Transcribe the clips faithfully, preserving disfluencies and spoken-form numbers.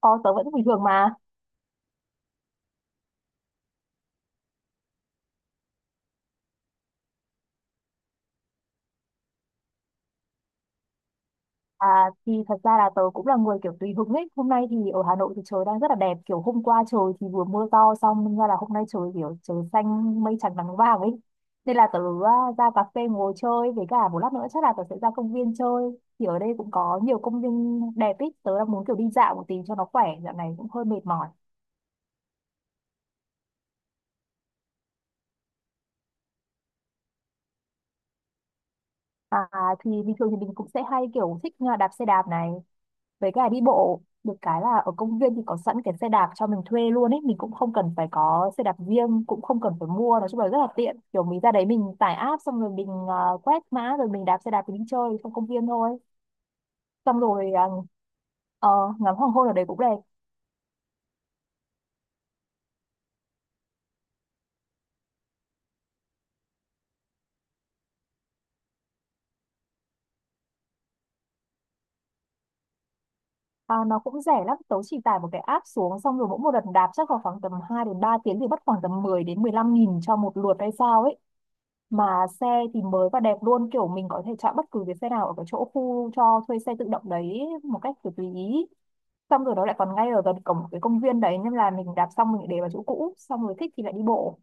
Ờ, tớ vẫn bình thường mà. À, thì thật ra là tớ cũng là người kiểu tùy hứng ấy. Hôm nay thì ở Hà Nội thì trời đang rất là đẹp. Kiểu hôm qua trời thì vừa mưa to xong nên ra là hôm nay trời kiểu trời xanh mây trắng nắng vàng ấy. Nên là tớ à, ra cà phê ngồi chơi với cả một lát nữa chắc là tớ sẽ ra công viên chơi. Thì ở đây cũng có nhiều công viên đẹp ấy. Tớ đang muốn kiểu đi dạo một tí cho nó khỏe. Dạo này cũng hơi mệt mỏi. À, thì bình thường thì mình cũng sẽ hay kiểu thích à, đạp xe đạp này. Với cả đi bộ được cái là ở công viên thì có sẵn cái xe đạp cho mình thuê luôn ấy, mình cũng không cần phải có xe đạp riêng, cũng không cần phải mua. Nói chung là rất là tiện, kiểu mình ra đấy mình tải app xong rồi mình ờ, quét mã rồi mình đạp xe đạp mình đi chơi trong công viên thôi. Xong rồi ờ, ờ, ngắm hoàng hôn ở đấy cũng đẹp. À, nó cũng rẻ lắm, tớ chỉ tải một cái app xuống xong rồi mỗi một lần đạp chắc vào khoảng tầm hai đến ba tiếng thì mất khoảng tầm mười đến mười lăm nghìn cho một lượt hay sao ấy. Mà xe thì mới và đẹp luôn, kiểu mình có thể chọn bất cứ cái xe nào ở cái chỗ khu cho thuê xe tự động đấy một cách kiểu tùy ý. Xong rồi nó lại còn ngay ở gần cổng cái công viên đấy nên là mình đạp xong mình lại để vào chỗ cũ, xong rồi thích thì lại đi bộ.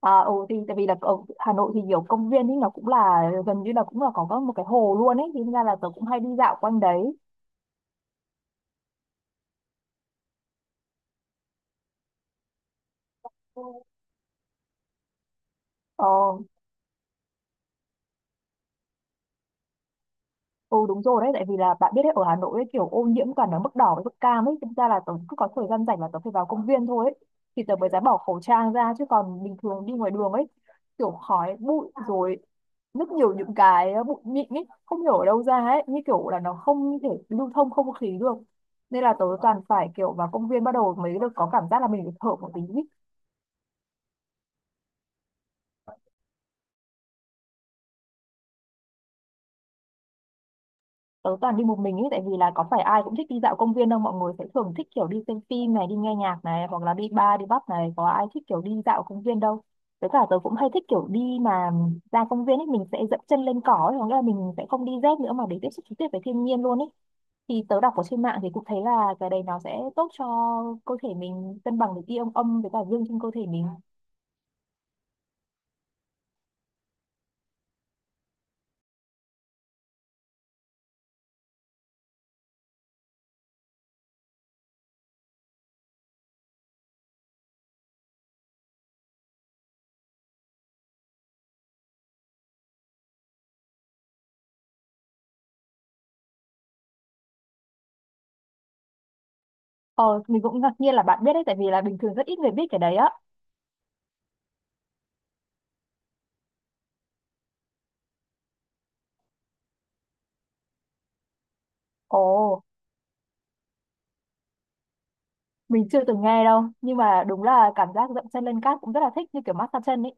À, ừ, thì tại vì là ở Hà Nội thì nhiều công viên ấy nó cũng là gần như là cũng là có các- một cái hồ luôn ấy, thì ra là tớ cũng hay đi dạo quanh đấy. Ờ. Ừ, đúng rồi đấy, tại vì là bạn biết đấy, ở Hà Nội ấy, kiểu ô nhiễm toàn ở mức đỏ với mức cam ấy, thực ra là tớ cứ có thời gian rảnh là tớ phải vào công viên thôi ấy, thì tớ mới dám bỏ khẩu trang ra, chứ còn bình thường đi ngoài đường ấy, kiểu khói, bụi rồi rất nhiều những cái bụi mịn ấy, không hiểu ở đâu ra ấy, như kiểu là nó không thể lưu thông không khí được. Nên là tớ toàn phải kiểu vào công viên bắt đầu mới được có cảm giác là mình được thở một tí. Tớ toàn đi một mình ấy, tại vì là có phải ai cũng thích đi dạo công viên đâu. Mọi người sẽ thường thích kiểu đi xem phim này, đi nghe nhạc này, hoặc là đi bar đi pub này, có ai thích kiểu đi dạo công viên đâu. Với cả tớ cũng hay thích kiểu đi mà ra công viên ấy mình sẽ dẫm chân lên cỏ ấy, có nghĩa là mình sẽ không đi dép nữa mà để tiếp xúc trực tiếp với thiên nhiên luôn ấy. Thì tớ đọc ở trên mạng thì cũng thấy là cái đấy nó sẽ tốt cho cơ thể mình, cân bằng được ion âm với cả dương trên cơ thể mình. Ờ, mình cũng ngạc nhiên là bạn biết đấy, tại vì là bình thường rất ít người biết cái đấy á. Ồ, mình chưa từng nghe đâu, nhưng mà đúng là cảm giác dậm chân lên cát cũng rất là thích, như kiểu massage chân ấy.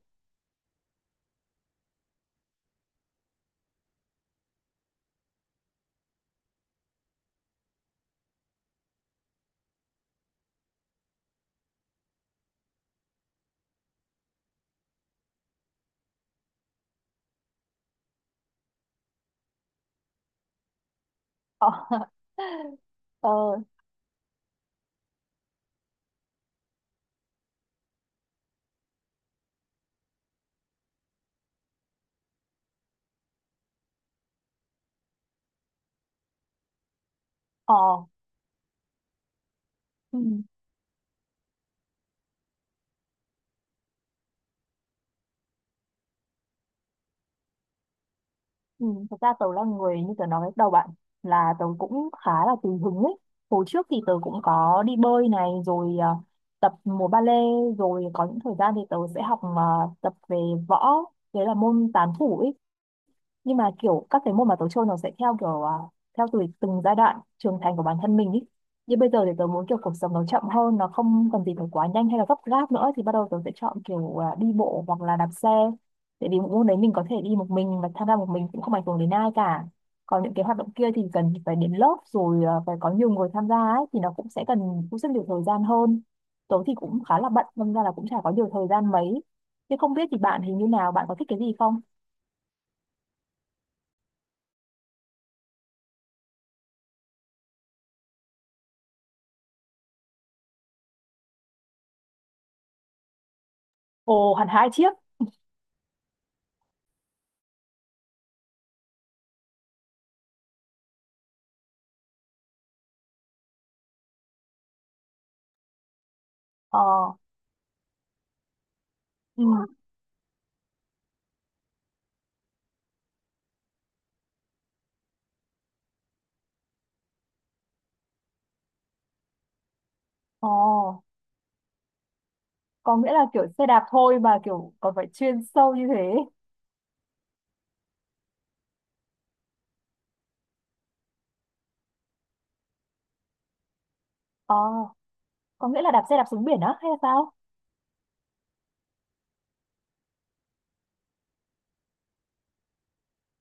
Ờ. Ờ. Ờ. Ừ. Ừ. Thật ra tớ là người như tớ nói lúc đầu bạn, là tớ cũng khá là tùy hứng ấy. Hồi trước thì tớ cũng có đi bơi này rồi à, tập múa ba lê, rồi có những thời gian thì tớ sẽ học à, tập về võ, đấy là môn tán thủ ấy. Nhưng mà kiểu các cái môn mà tớ chơi nó sẽ theo kiểu à, theo từ từng giai đoạn trưởng thành của bản thân mình ý. Như bây giờ thì tớ muốn kiểu cuộc sống nó chậm hơn, nó không cần gì phải quá nhanh hay là gấp gáp nữa, thì bắt đầu tớ sẽ chọn kiểu à, đi bộ hoặc là đạp xe. Tại vì môn đấy mình có thể đi một mình và tham gia một mình cũng không ảnh hưởng đến ai cả. Còn những cái hoạt động kia thì cần phải đến lớp rồi, à, phải có nhiều người tham gia ấy, thì nó cũng sẽ cần cũng rất nhiều thời gian hơn. Tớ thì cũng khá là bận nên ra là cũng chả có nhiều thời gian mấy. Thế không biết thì bạn hình như nào, bạn có thích cái gì không? Ồ, hẳn hai chiếc. Ờ. Ừ. Ờ. Có nghĩa là kiểu xe đạp thôi mà kiểu còn phải chuyên sâu như thế. Ờ, có nghĩa là đạp xe đạp xuống biển á hay là sao?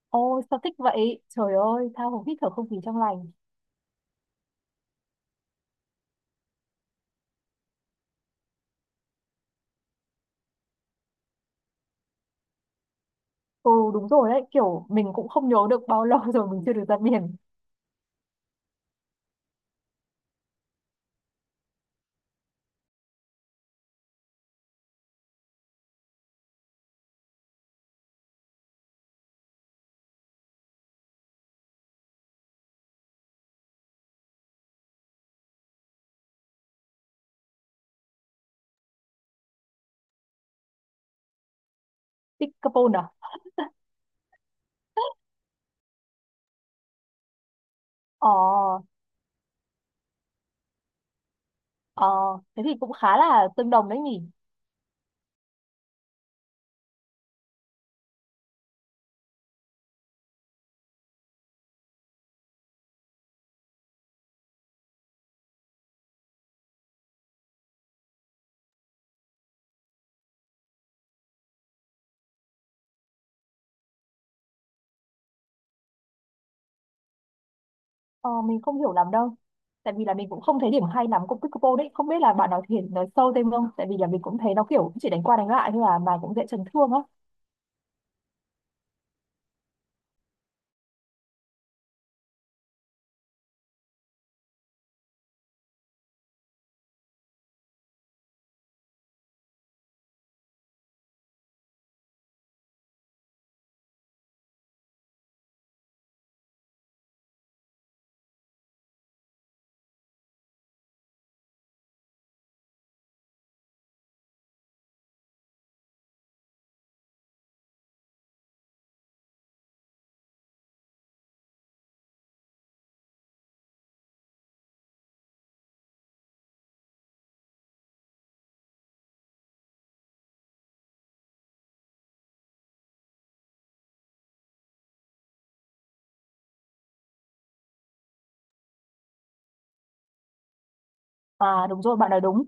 Ôi, sao thích vậy? Trời ơi, tha hồ hít thở không khí trong lành. Ừ, đúng rồi đấy, kiểu mình cũng không nhớ được bao lâu rồi mình chưa được ra biển. Thích Capone à? Ờ. Ờ, thế thì cũng khá là tương đồng đấy nhỉ? Ờ, mình không hiểu lắm đâu. Tại vì là mình cũng không thấy điểm hay lắm của Pickleball đấy. Không biết là bạn nói thiệt, nói sâu thêm không? Tại vì là mình cũng thấy nó kiểu chỉ đánh qua đánh lại thôi à, mà cũng dễ chấn thương á. À, đúng rồi, bạn nói đúng.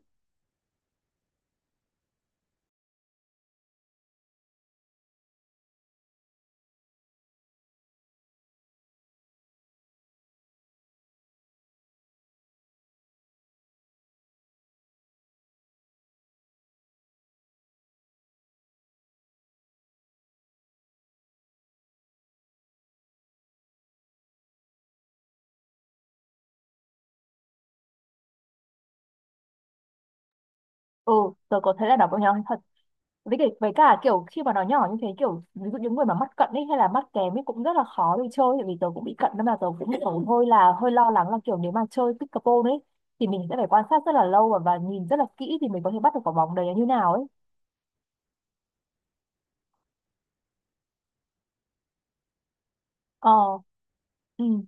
Ừ, tớ có thấy là đọc có nhỏ thật. Với cả, với cả kiểu khi mà nó nhỏ như thế, kiểu ví dụ những người mà mắt cận ấy hay là mắt kém ấy cũng rất là khó để chơi, tại vì tớ cũng bị cận nên là tớ cũng kiểu hơi là hơi lo lắng là kiểu nếu mà chơi pickleball ấy thì mình sẽ phải quan sát rất là lâu và, và, nhìn rất là kỹ thì mình có thể bắt được quả bóng đấy như nào ấy. Ờ. Ừ.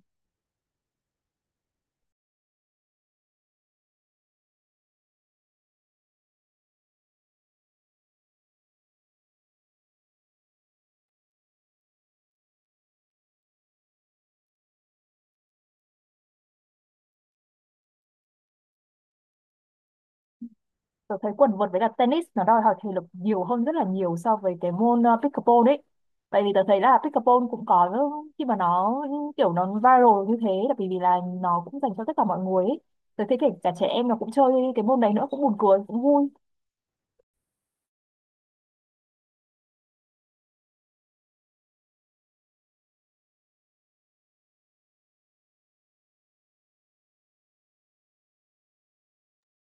Tôi thấy quần vợt với cả tennis nó đòi hỏi thể lực nhiều hơn rất là nhiều so với cái môn ờ, pickleball đấy. Tại vì tôi thấy là pickleball cũng có khi mà nó kiểu nó viral như thế là bởi vì là nó cũng dành cho tất cả mọi người ấy. Tôi thấy kể cả trẻ em nó cũng chơi cái môn đấy nữa, cũng buồn cười cũng vui.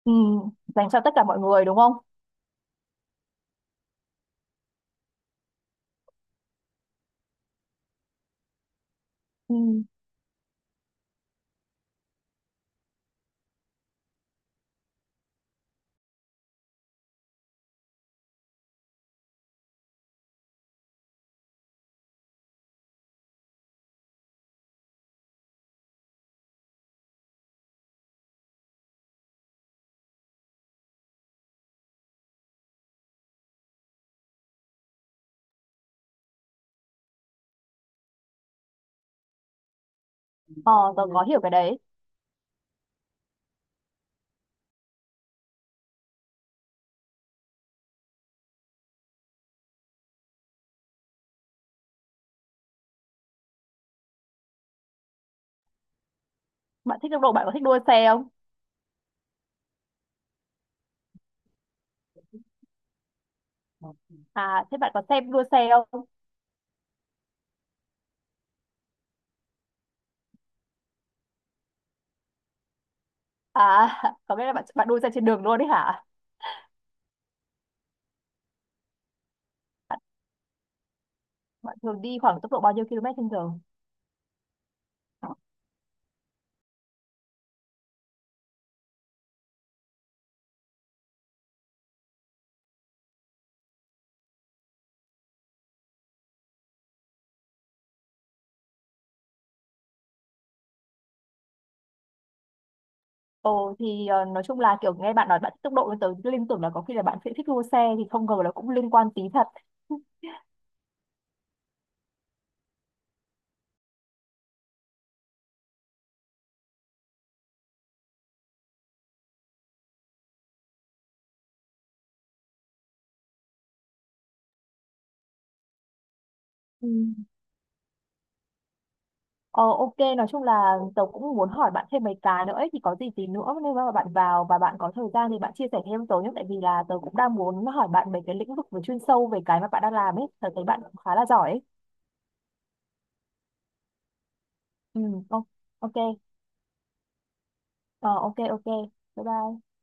Ừ, dành cho tất cả mọi người đúng không? Ừ. Ờ, tôi có hiểu cái đấy. Bạn thích tốc độ, bạn có thích đua xe không? À, thế bạn có xem đua xe không? À, có nghĩa là bạn bạn đua xe trên đường luôn đấy hả? Bạn, bạn thường đi khoảng tốc độ bao nhiêu ki lô mét trên giờ? Ồ thì ờ, nói chung là kiểu nghe bạn nói bạn thích tốc độ nên tớ liên tưởng là có khi là bạn sẽ thích đua xe, thì không ngờ là cũng liên quan tí thật. Ừ. Ờ, ok, nói chung là tớ cũng muốn hỏi bạn thêm mấy cái nữa ấy, thì có gì tí nữa nếu mà bạn vào và bạn có thời gian thì bạn chia sẻ thêm tớ nhé, tại vì là tớ cũng đang muốn hỏi bạn mấy cái lĩnh vực về chuyên sâu về cái mà bạn đang làm ấy, tớ thấy bạn cũng khá là giỏi ấy. Ừ. ô- ok. Ờ, ok, ok, bye bye.